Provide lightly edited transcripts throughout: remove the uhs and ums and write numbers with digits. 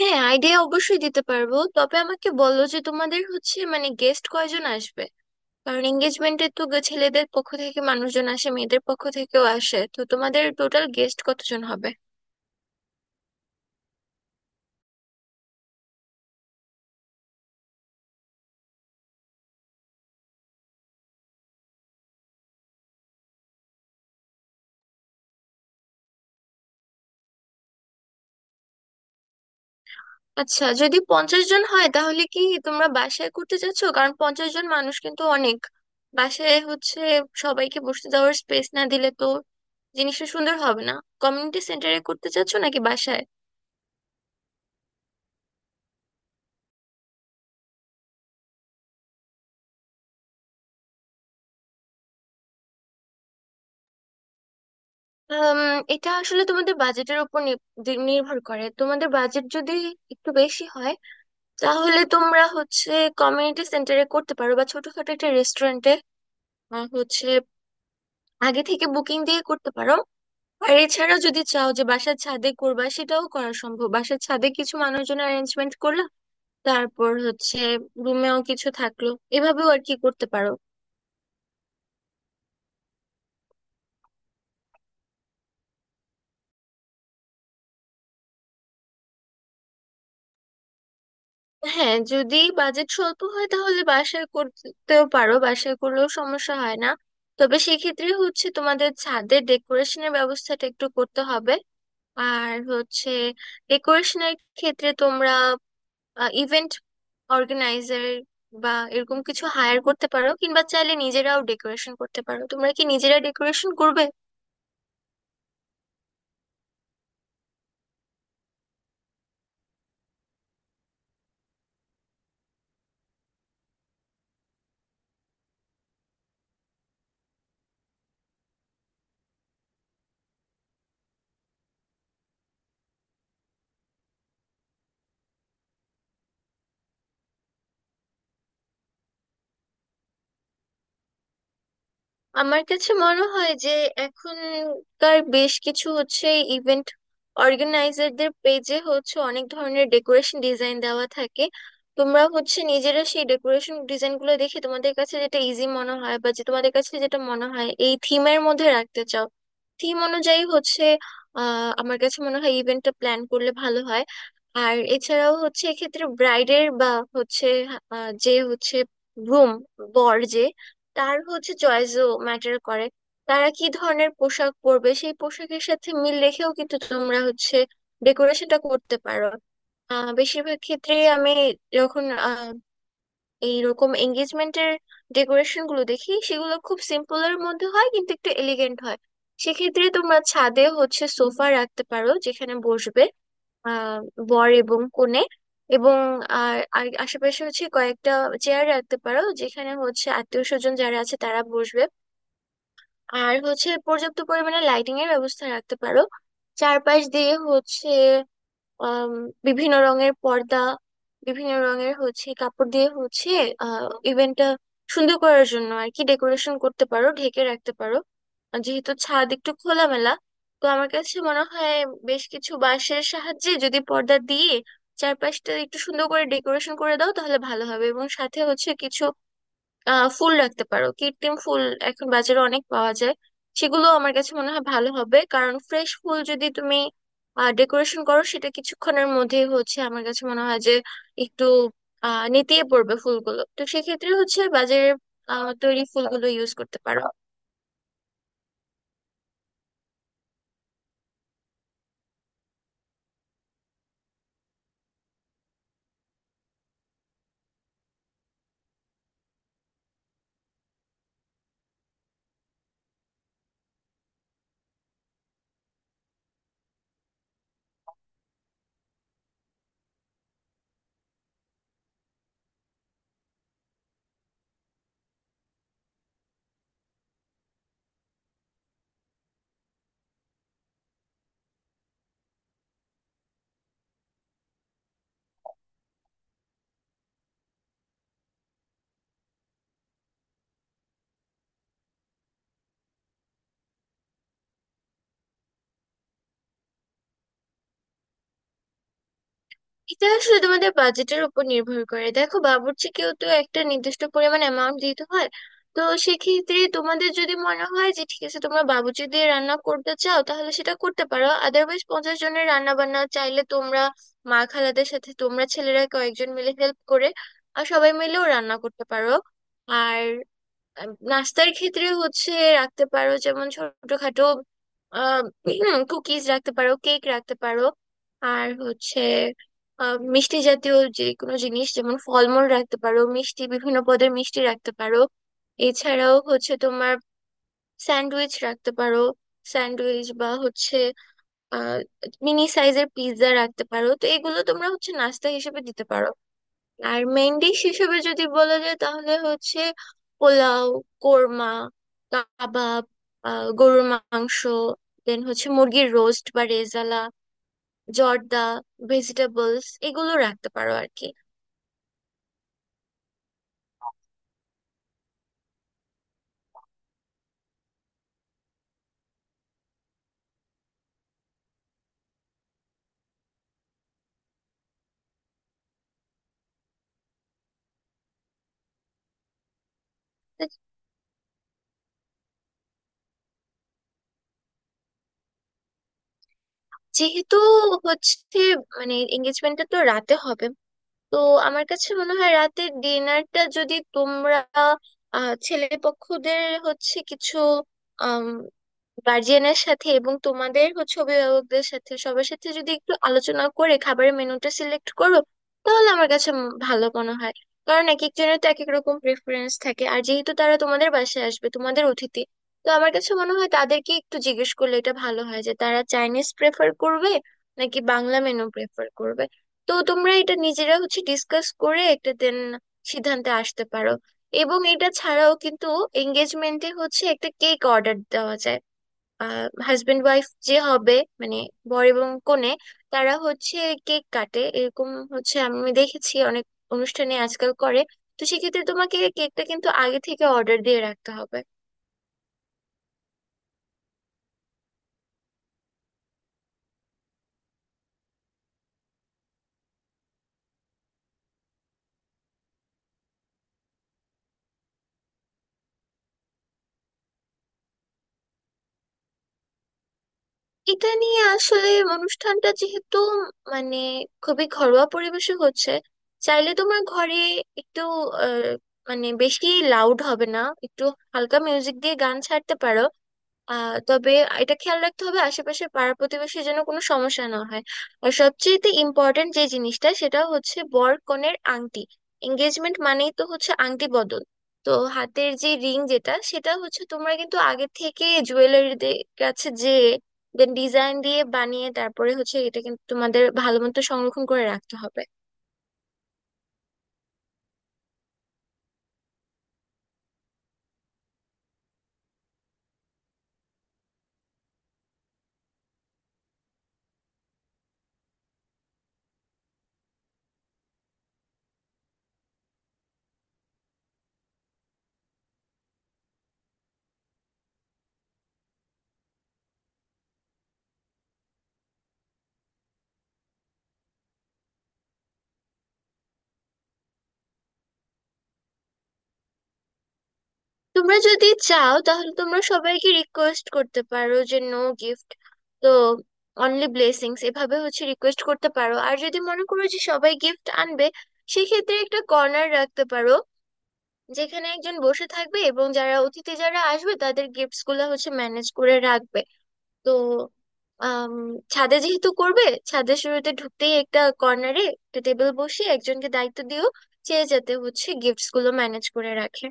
হ্যাঁ আইডিয়া অবশ্যই দিতে পারবো। তবে আমাকে বলো যে তোমাদের হচ্ছে মানে গেস্ট কয়জন আসবে। কারণ এঙ্গেজমেন্টে তো ছেলেদের পক্ষ থেকে মানুষজন আসে, মেয়েদের পক্ষ থেকেও আসে। তো তোমাদের টোটাল গেস্ট কতজন হবে? আচ্ছা, যদি 50 জন হয় তাহলে কি তোমরা বাসায় করতে চাচ্ছ? কারণ 50 জন মানুষ কিন্তু অনেক। বাসায় হচ্ছে সবাইকে বসতে দেওয়ার স্পেস না দিলে তো জিনিসটা সুন্দর হবে না। কমিউনিটি সেন্টারে করতে চাচ্ছ নাকি বাসায়? আম, এটা আসলে তোমাদের বাজেটের উপর নির্ভর করে। তোমাদের বাজেট যদি একটু বেশি হয় তাহলে তোমরা হচ্ছে কমিউনিটি সেন্টারে করতে পারো, বা ছোটখাটো একটা রেস্টুরেন্টে হচ্ছে আগে থেকে বুকিং দিয়ে করতে পারো। আর এছাড়া যদি চাও যে বাসার ছাদে করবা সেটাও করা সম্ভব। বাসার ছাদে কিছু মানুষজন অ্যারেঞ্জমেন্ট করলা, তারপর হচ্ছে রুমেও কিছু থাকলো, এভাবেও আর কি করতে পারো। হ্যাঁ, যদি বাজেট স্বল্প হয় তাহলে বাসায় করতেও পারো। বাসায় করলেও সমস্যা হয় না। তবে সেক্ষেত্রে হচ্ছে তোমাদের ছাদের ডেকোরেশনের ব্যবস্থাটা একটু করতে হবে। আর হচ্ছে ডেকোরেশনের ক্ষেত্রে তোমরা ইভেন্ট অর্গানাইজার বা এরকম কিছু হায়ার করতে পারো, কিংবা চাইলে নিজেরাও ডেকোরেশন করতে পারো। তোমরা কি নিজেরা ডেকোরেশন করবে? আমার কাছে মনে হয় যে এখনকার বেশ কিছু হচ্ছে ইভেন্ট অর্গানাইজারদের পেজে হচ্ছে অনেক ধরনের ডেকোরেশন ডিজাইন দেওয়া থাকে। তোমরা হচ্ছে নিজেরা সেই ডেকোরেশন ডিজাইন গুলো দেখে তোমাদের কাছে যেটা ইজি মনে হয় বা যে তোমাদের কাছে যেটা মনে হয় এই থিমের মধ্যে রাখতে চাও থিম অনুযায়ী হচ্ছে আমার কাছে মনে হয় ইভেন্টটা প্ল্যান করলে ভালো হয়। আর এছাড়াও হচ্ছে এক্ষেত্রে ব্রাইডের বা হচ্ছে যে হচ্ছে গ্রুম, বর, যে তার হচ্ছে চয়েসও ম্যাটার করে। তারা কি ধরনের পোশাক পরবে সেই পোশাকের সাথে মিল রেখেও কিন্তু তোমরা হচ্ছে ডেকোরেশনটা করতে পারো। বেশিরভাগ ক্ষেত্রে আমি যখন এইরকম এঙ্গেজমেন্টের ডেকোরেশন গুলো দেখি সেগুলো খুব সিম্পল এর মধ্যে হয় কিন্তু একটু এলিগেন্ট হয়। সেক্ষেত্রে তোমরা ছাদে হচ্ছে সোফা রাখতে পারো যেখানে বসবে আহ বর এবং কনে। এবং আর আর আশেপাশে হচ্ছে কয়েকটা চেয়ার রাখতে পারো যেখানে হচ্ছে আত্মীয় স্বজন যারা আছে তারা বসবে। আর হচ্ছে পর্যাপ্ত পরিমাণে লাইটিং এর ব্যবস্থা রাখতে পারো চারপাশ দিয়ে হচ্ছে আম, বিভিন্ন রঙের পর্দা, বিভিন্ন রঙের হচ্ছে কাপড় দিয়ে হচ্ছে ইভেন্টটা সুন্দর করার জন্য আর কি ডেকোরেশন করতে পারো, ঢেকে রাখতে পারো। আর যেহেতু ছাদ একটু খোলামেলা তো আমার কাছে মনে হয় বেশ কিছু বাঁশের সাহায্যে যদি পর্দা দিয়ে চারপাশটা একটু সুন্দর করে ডেকোরেশন করে দাও তাহলে ভালো হবে। এবং সাথে হচ্ছে কিছু ফুল রাখতে পারো, কৃত্রিম ফুল এখন বাজারে অনেক পাওয়া যায়। সেগুলো আমার কাছে মনে হয় ভালো হবে কারণ ফ্রেশ ফুল যদি তুমি ডেকোরেশন করো সেটা কিছুক্ষণের মধ্যেই হচ্ছে আমার কাছে মনে হয় যে একটু নেতিয়ে পড়বে ফুলগুলো। তো সেক্ষেত্রে হচ্ছে বাজারে তৈরি ফুলগুলো ইউজ করতে পারো। এটা আসলে তোমাদের বাজেটের উপর নির্ভর করে। দেখো, বাবুর্চিকেও তো একটা নির্দিষ্ট পরিমাণ অ্যামাউন্ট দিতে হয়। তো সেক্ষেত্রে তোমাদের যদি মনে হয় যে ঠিক আছে তোমরা বাবুর্চি দিয়ে রান্না করতে চাও তাহলে সেটা করতে পারো, আদারওয়াইজ 50 জনের রান্না বান্না চাইলে তোমরা মা খালাদের সাথে তোমরা ছেলেরা কয়েকজন মিলে হেল্প করে আর সবাই মিলেও রান্না করতে পারো। আর নাস্তার ক্ষেত্রে হচ্ছে রাখতে পারো যেমন ছোটখাটো কুকিজ রাখতে পারো, কেক রাখতে পারো। আর হচ্ছে মিষ্টি জাতীয় যে কোনো জিনিস যেমন ফলমূল রাখতে পারো, মিষ্টি, বিভিন্ন পদের মিষ্টি রাখতে পারো। এছাড়াও হচ্ছে তোমার স্যান্ডউইচ রাখতে পারো, স্যান্ডউইচ বা হচ্ছে আহ মিনি সাইজের পিৎজা রাখতে পারো। তো এগুলো তোমরা হচ্ছে নাস্তা হিসেবে দিতে পারো। আর মেইন ডিশ হিসেবে যদি বলা যায় তাহলে হচ্ছে পোলাও, কোরমা, কাবাব, গরুর মাংস, দেন হচ্ছে মুরগির রোস্ট বা রেজালা, জর্দা, ভেজিটেবলস এগুলো রাখতে পারো আর কি। তা, যেহেতু হচ্ছে মানে এঙ্গেজমেন্টটা তো রাতে হবে তো আমার কাছে মনে হয় রাতে ডিনারটা যদি তোমরা ছেলে পক্ষদের হচ্ছে কিছু গার্জিয়ানের সাথে এবং তোমাদের হচ্ছে অভিভাবকদের সাথে সবার সাথে যদি একটু আলোচনা করে খাবারের মেনুটা সিলেক্ট করো তাহলে আমার কাছে ভালো মনে হয়। কারণ এক একজনের তো এক এক রকম প্রেফারেন্স থাকে। আর যেহেতু তারা তোমাদের বাসায় আসবে, তোমাদের অতিথি, তো আমার কাছে মনে হয় তাদেরকে একটু জিজ্ঞেস করলে এটা ভালো হয় যে তারা চাইনিজ প্রেফার করবে নাকি বাংলা মেনু প্রেফার করবে। তো তোমরা এটা নিজেরা হচ্ছে ডিসকাস করে একটা দেন সিদ্ধান্তে আসতে পারো। এবং এটা ছাড়াও কিন্তু এঙ্গেজমেন্টে হচ্ছে একটা কেক অর্ডার দেওয়া যায়। হাজবেন্ড ওয়াইফ যে হবে মানে বর এবং কনে, তারা হচ্ছে কেক কাটে এরকম হচ্ছে আমি দেখেছি অনেক অনুষ্ঠানে আজকাল করে। তো সেক্ষেত্রে তোমাকে কেকটা কিন্তু আগে থেকে অর্ডার দিয়ে রাখতে হবে। এটা নিয়ে আসলে অনুষ্ঠানটা যেহেতু মানে খুবই ঘরোয়া পরিবেশে হচ্ছে চাইলে তোমার ঘরে একটু আহ, মানে বেশি লাউড হবে না, একটু হালকা মিউজিক দিয়ে গান ছাড়তে পারো। তবে এটা খেয়াল রাখতে হবে আশেপাশে পাড়া প্রতিবেশীর যেন কোনো সমস্যা না হয়। আর সবচেয়েতে ইম্পর্টেন্ট যে জিনিসটা সেটা হচ্ছে বর কনের আংটি। এঙ্গেজমেন্ট মানেই তো হচ্ছে আংটি বদল। তো হাতের যে রিং যেটা সেটা হচ্ছে তোমরা কিন্তু আগে থেকে জুয়েলারিদের কাছে যে দেন ডিজাইন দিয়ে বানিয়ে তারপরে হচ্ছে এটা কিন্তু তোমাদের ভালো মতো সংরক্ষণ করে রাখতে হবে। তোমরা যদি চাও তাহলে তোমরা সবাইকে রিকোয়েস্ট করতে পারো যে নো গিফট, তো অনলি ব্লেসিংস এভাবে হচ্ছে রিকোয়েস্ট করতে পারো। আর যদি মনে করো যে সবাই গিফট আনবে সেক্ষেত্রে একটা কর্নার রাখতে পারো যেখানে একজন বসে থাকবে এবং যারা অতিথি যারা আসবে তাদের গিফটস গুলো হচ্ছে ম্যানেজ করে রাখবে। তো আম, ছাদে যেহেতু করবে ছাদের শুরুতে ঢুকতেই একটা কর্নারে একটা টেবিল বসিয়ে একজনকে দায়িত্ব দিও সে যাতে হচ্ছে গিফটস গুলো ম্যানেজ করে রাখে।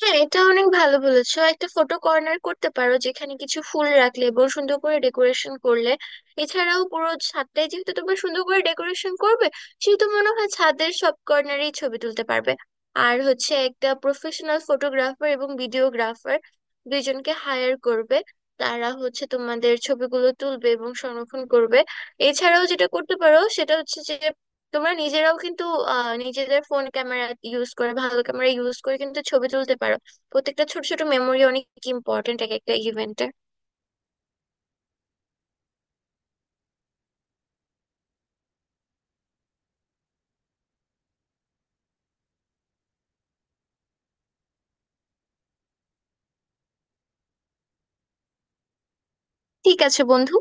হ্যাঁ, এটা অনেক ভালো বলেছো। একটা ফটো কর্নার করতে পারো যেখানে কিছু ফুল রাখলে এবং সুন্দর করে ডেকোরেশন করলে, এছাড়াও পুরো ছাদটাই যেহেতু তোমরা সুন্দর করে ডেকোরেশন করবে সেহেতু মনে হয় ছাদের সব কর্নারেই ছবি তুলতে পারবে। আর হচ্ছে একটা প্রফেশনাল ফটোগ্রাফার এবং ভিডিওগ্রাফার দুইজনকে হায়ার করবে। তারা হচ্ছে তোমাদের ছবিগুলো তুলবে এবং সংরক্ষণ করবে। এছাড়াও যেটা করতে পারো সেটা হচ্ছে যে তোমরা নিজেরাও কিন্তু নিজেদের ফোন ক্যামেরা ইউজ করে, ভালো ক্যামেরা ইউজ করে কিন্তু ছবি তুলতে পারো। প্রত্যেকটা ছোট ছোট মেমোরি অনেক ইম্পর্ট্যান্ট এক একটা ইভেন্টে। ঠিক আছে বন্ধু।